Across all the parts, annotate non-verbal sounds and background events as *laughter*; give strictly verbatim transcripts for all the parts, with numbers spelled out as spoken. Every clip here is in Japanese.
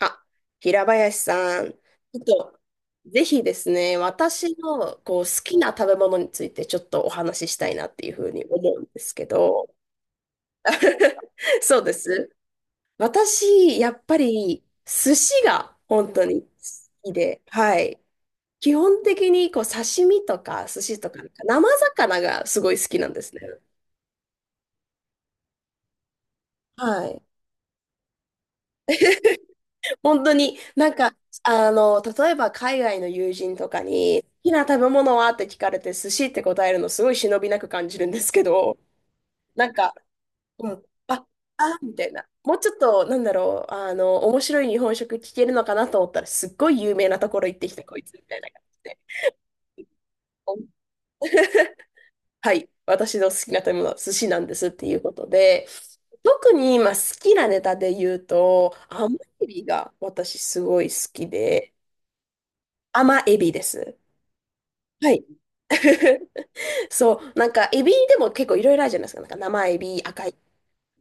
あ、平林さん、ちょっと、ぜひですね、私のこう好きな食べ物についてちょっとお話ししたいなっていうふうに思うんですけど、*laughs* そうです。私、やっぱり寿司が本当に好きで、はい。基本的にこう刺身とか寿司とか、生魚がすごい好きなんですね。はい。本当に、なんか、あの、例えば海外の友人とかに、好きな食べ物はって聞かれて、寿司って答えるのすごい忍びなく感じるんですけど、なんか、うん、あ、あ、みたいな。もうちょっと、なんだろう、あの、面白い日本食聞けるのかなと思ったら、すっごい有名なところ行ってきた、こいつ、みたいな感じで。お *laughs* はい、私の好きな食べ物は寿司なんですっていうことで、特に今好きなネタで言うと、甘エビが私すごい好きで、甘エビです。はい。*laughs* そう、なんかエビでも結構いろいろあるじゃないですか。なんか生エビ、赤いエ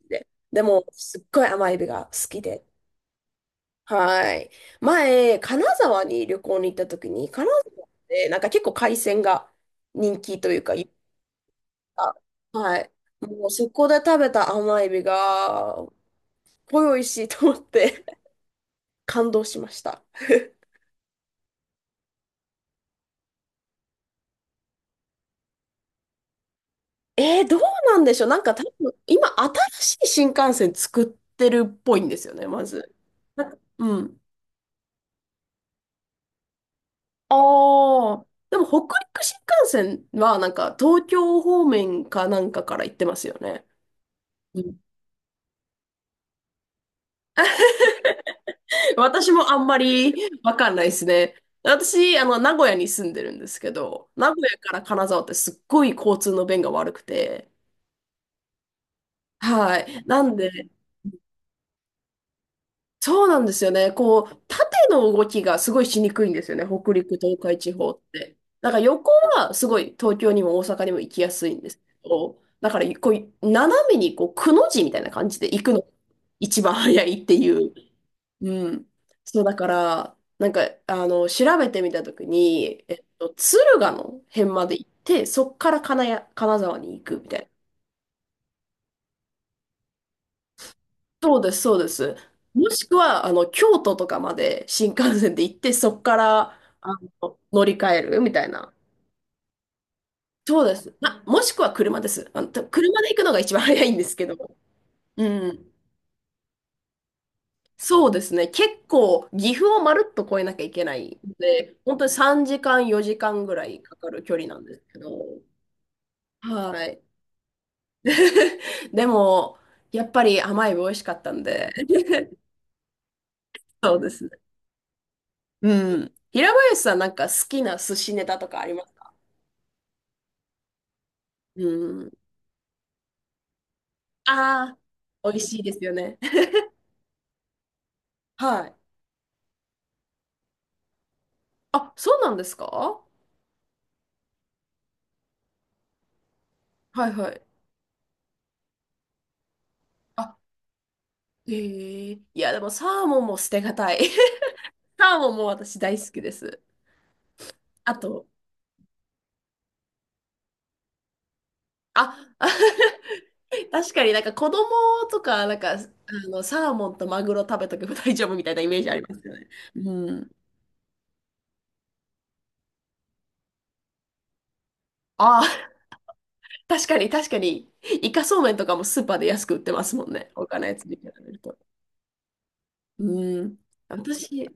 ビで。でも、すっごい甘エビが好きで。はい。前、金沢に旅行に行った時に、金沢ってなんか結構海鮮が人気というか、い、はい。もうそこで食べた甘エビが、すっごい美味しいと思って *laughs* 感動しました。えー、どうなんでしょう。なんか多分、今、新しい新幹線作ってるっぽいんですよね、まず。なんかうん。ああ。でも、北陸新幹線は、なんか、東京方面かなんかから行ってますよね。うん。 *laughs* 私もあんまりわかんないですね。私、あの、名古屋に住んでるんですけど、名古屋から金沢ってすっごい交通の便が悪くて、はい。なんで、そうなんですよね。こう、縦の動きがすごいしにくいんですよね。北陸、東海地方って。だから横はすごい東京にも大阪にも行きやすいんですけど、だからこう、斜めにこう、くの字みたいな感じで行くのが一番早いっていう。うん。そう、だから、なんか、あの、調べてみたときに、えっと、敦賀の辺まで行って、そっから金谷、金沢に行くみたいな。そうです、そうです。もしくは、あの、京都とかまで新幹線で行って、そこから、あの、乗り換えるみたいな。そうです。あ、もしくは車です。あの、た車で行くのが一番早いんですけど。うん。そうですね。結構、岐阜をまるっと越えなきゃいけないので、本当にさんじかん、よじかんぐらいかかる距離なんですけど。はい。*laughs* でも、やっぱり甘い美味しかったんで。*laughs* そうですね。うん。平林さん、なんか好きな寿司ネタとかありますか？うん。ああ、美味しいですよね。*laughs* はい。あ、そうなんですか？はいはい。あ、へえ。いや、でもサーモンも捨てがたい。*laughs* サーモンも私大好きです。あと、あ、あ、 *laughs* 確かになんか子供とか、なんか、あの、サーモンとマグロ食べとけば大丈夫みたいなイメージありますよね。うん。ああ、確かに確かに。イカそうめんとかもスーパーで安く売ってますもんね。他のやつに比べると。うん。私、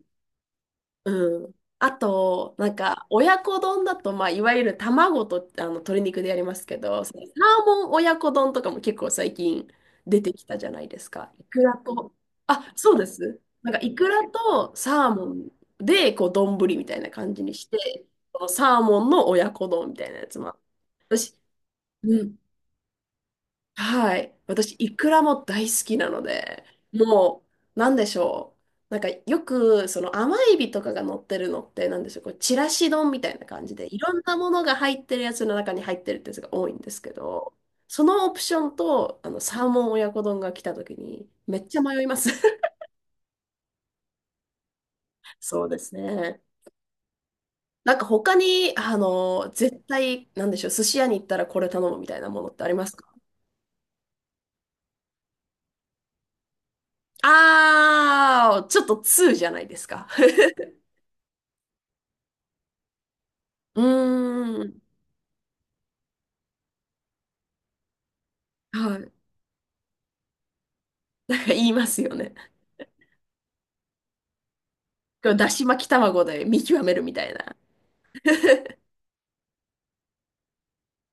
うん。あと、なんか、親子丼だと、まあ、いわゆる卵とあの鶏肉でやりますけど、そのサーモン親子丼とかも結構最近出てきたじゃないですか。イクラと、あ、そうです。なんか、イクラとサーモンで、こう、丼みたいな感じにして、そのサーモンの親子丼みたいなやつも。私、うん、はい。私、イクラも大好きなので、もう、なんでしょう。なんか、よく、その甘エビとかが乗ってるのって、なんでしょう。こう、ちらし丼みたいな感じで、いろんなものが入ってるやつの中に入ってるってやつが多いんですけど、そのオプションと、あの、サーモン親子丼が来た時に、めっちゃ迷います。*laughs* そうですね。なんか、他に、あの、絶対、なんでしょう。寿司屋に行ったらこれ頼むみたいなものってありますか？あー、ちょっと通じゃないですか。*laughs* うーん。はい。*laughs* なんか言いますよね。これだし巻き卵で見極めるみたいな。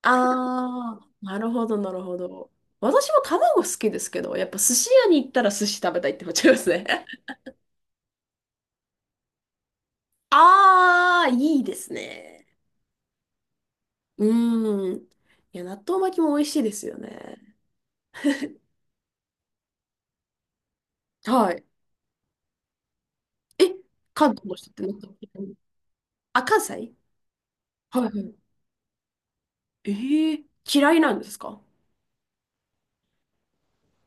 ああ、なるほど、なるほど。私も卵好きですけど、やっぱ寿司屋に行ったら寿司食べたいって思っちゃいますね。*laughs* ああ、いいですね。うーん。いや、納豆巻きも美味しいですよね。はい。え、関東の人って納豆巻き食べる？あ、関西。はいはい。ええ、嫌いなんですか？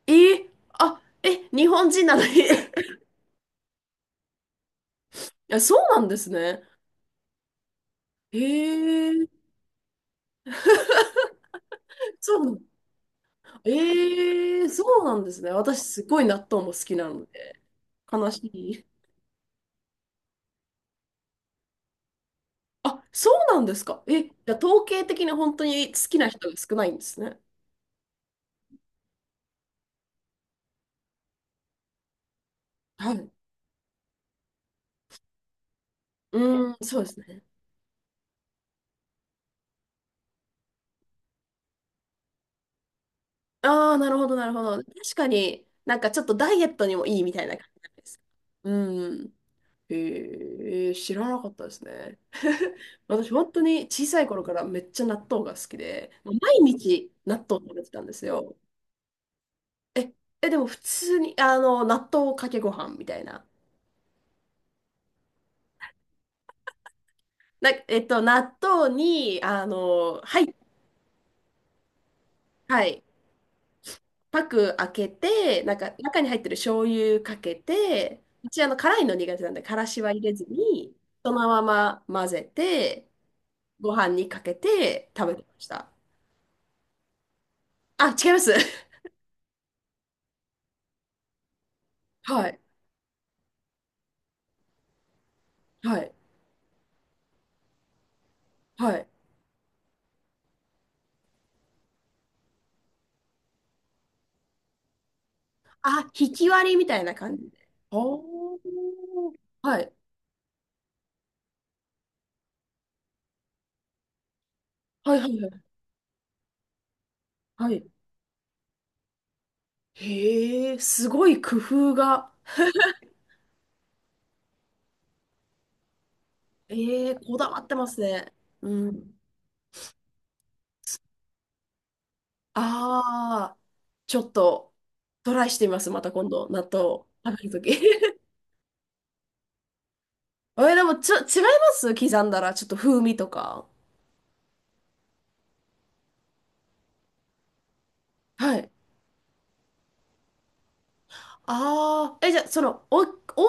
ええ、あ、え、日本人なのに、 *laughs* いや、そうなんですね。ええ、そうなの。ええ、そうなんですね。私、すごい納豆も好きなので、悲しい。あ、そうなんですか。え、じゃあ、統計的に本当に好きな人が少ないんですね。はい。うーん、そうですね。ああ、なるほど、なるほど。確かに、なんかちょっとダイエットにもいいみたいな感じなんです。うん。ええ、知らなかったですね。*laughs* 私、本当に小さい頃からめっちゃ納豆が好きで、もう毎日納豆食べてたんですよ。え、え、でも普通に、あの、納豆かけご飯みたいな。な、えっと、納豆に、あの、はい、はい、パク開けて、なんか中に入ってる醤油かけて、うちあの、辛いの苦手なんで、からしは入れずに、そのまま混ぜて、ご飯にかけて食べてました。あ、違います。*laughs* はい、はい、はい。あ、ひき割りみたいな感じで。おー、はい、はい、はい、はい。はい、へえ、すごい工夫が。ええ、こだわってますね。うん。ああ、ちょっとトライしてみます。また今度、納豆食べるとき。*laughs* え、でもちょ、違います。刻んだら、ちょっと風味とか。はい。ああ、え、じゃあ、その、お、大粒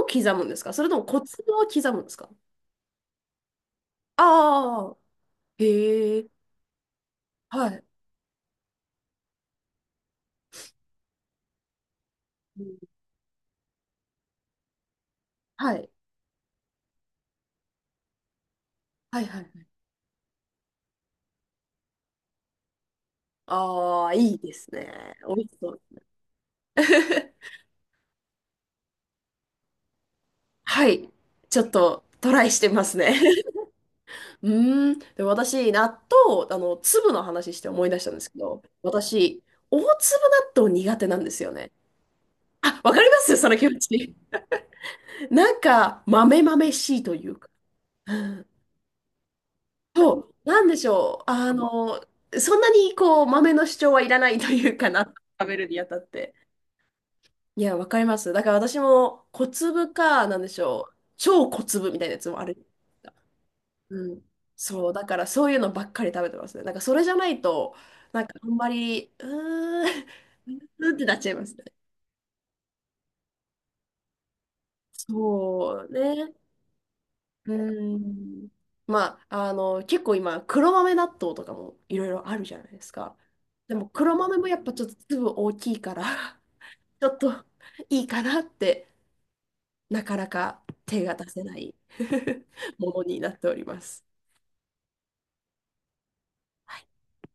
を刻むんですか？それとも小粒を刻むんですか？ああー、へえ、はい。うん、はい。はいはい。ああ、いいですね。美味しそう。*laughs* はい。ちょっとトライしてますね。うーん。でも私、納豆、あの、粒の話して思い出したんですけど、私、大粒納豆苦手なんですよね。あ、わかります、 *laughs* その気持ち。*laughs* なんか、豆豆しいというか。うん、そう、なんでしょう。あの、そんなにこう、豆の主張はいらないというかな、食べるにあたって。いや、わかります。だから私も、小粒か、なんでしょう。超小粒みたいなやつもある。うん、そう、だからそういうのばっかり食べてますね。なんかそれじゃないと、なんかあんまり、うーん、*laughs* うーんってなっちゃいますね。そうね。うん。まあ、あの、結構今、黒豆納豆とかもいろいろあるじゃないですか。でも黒豆もやっぱちょっと粒大きいから、 *laughs* ちょっといいかなって、なかなか手が出せない *laughs* ものになっております。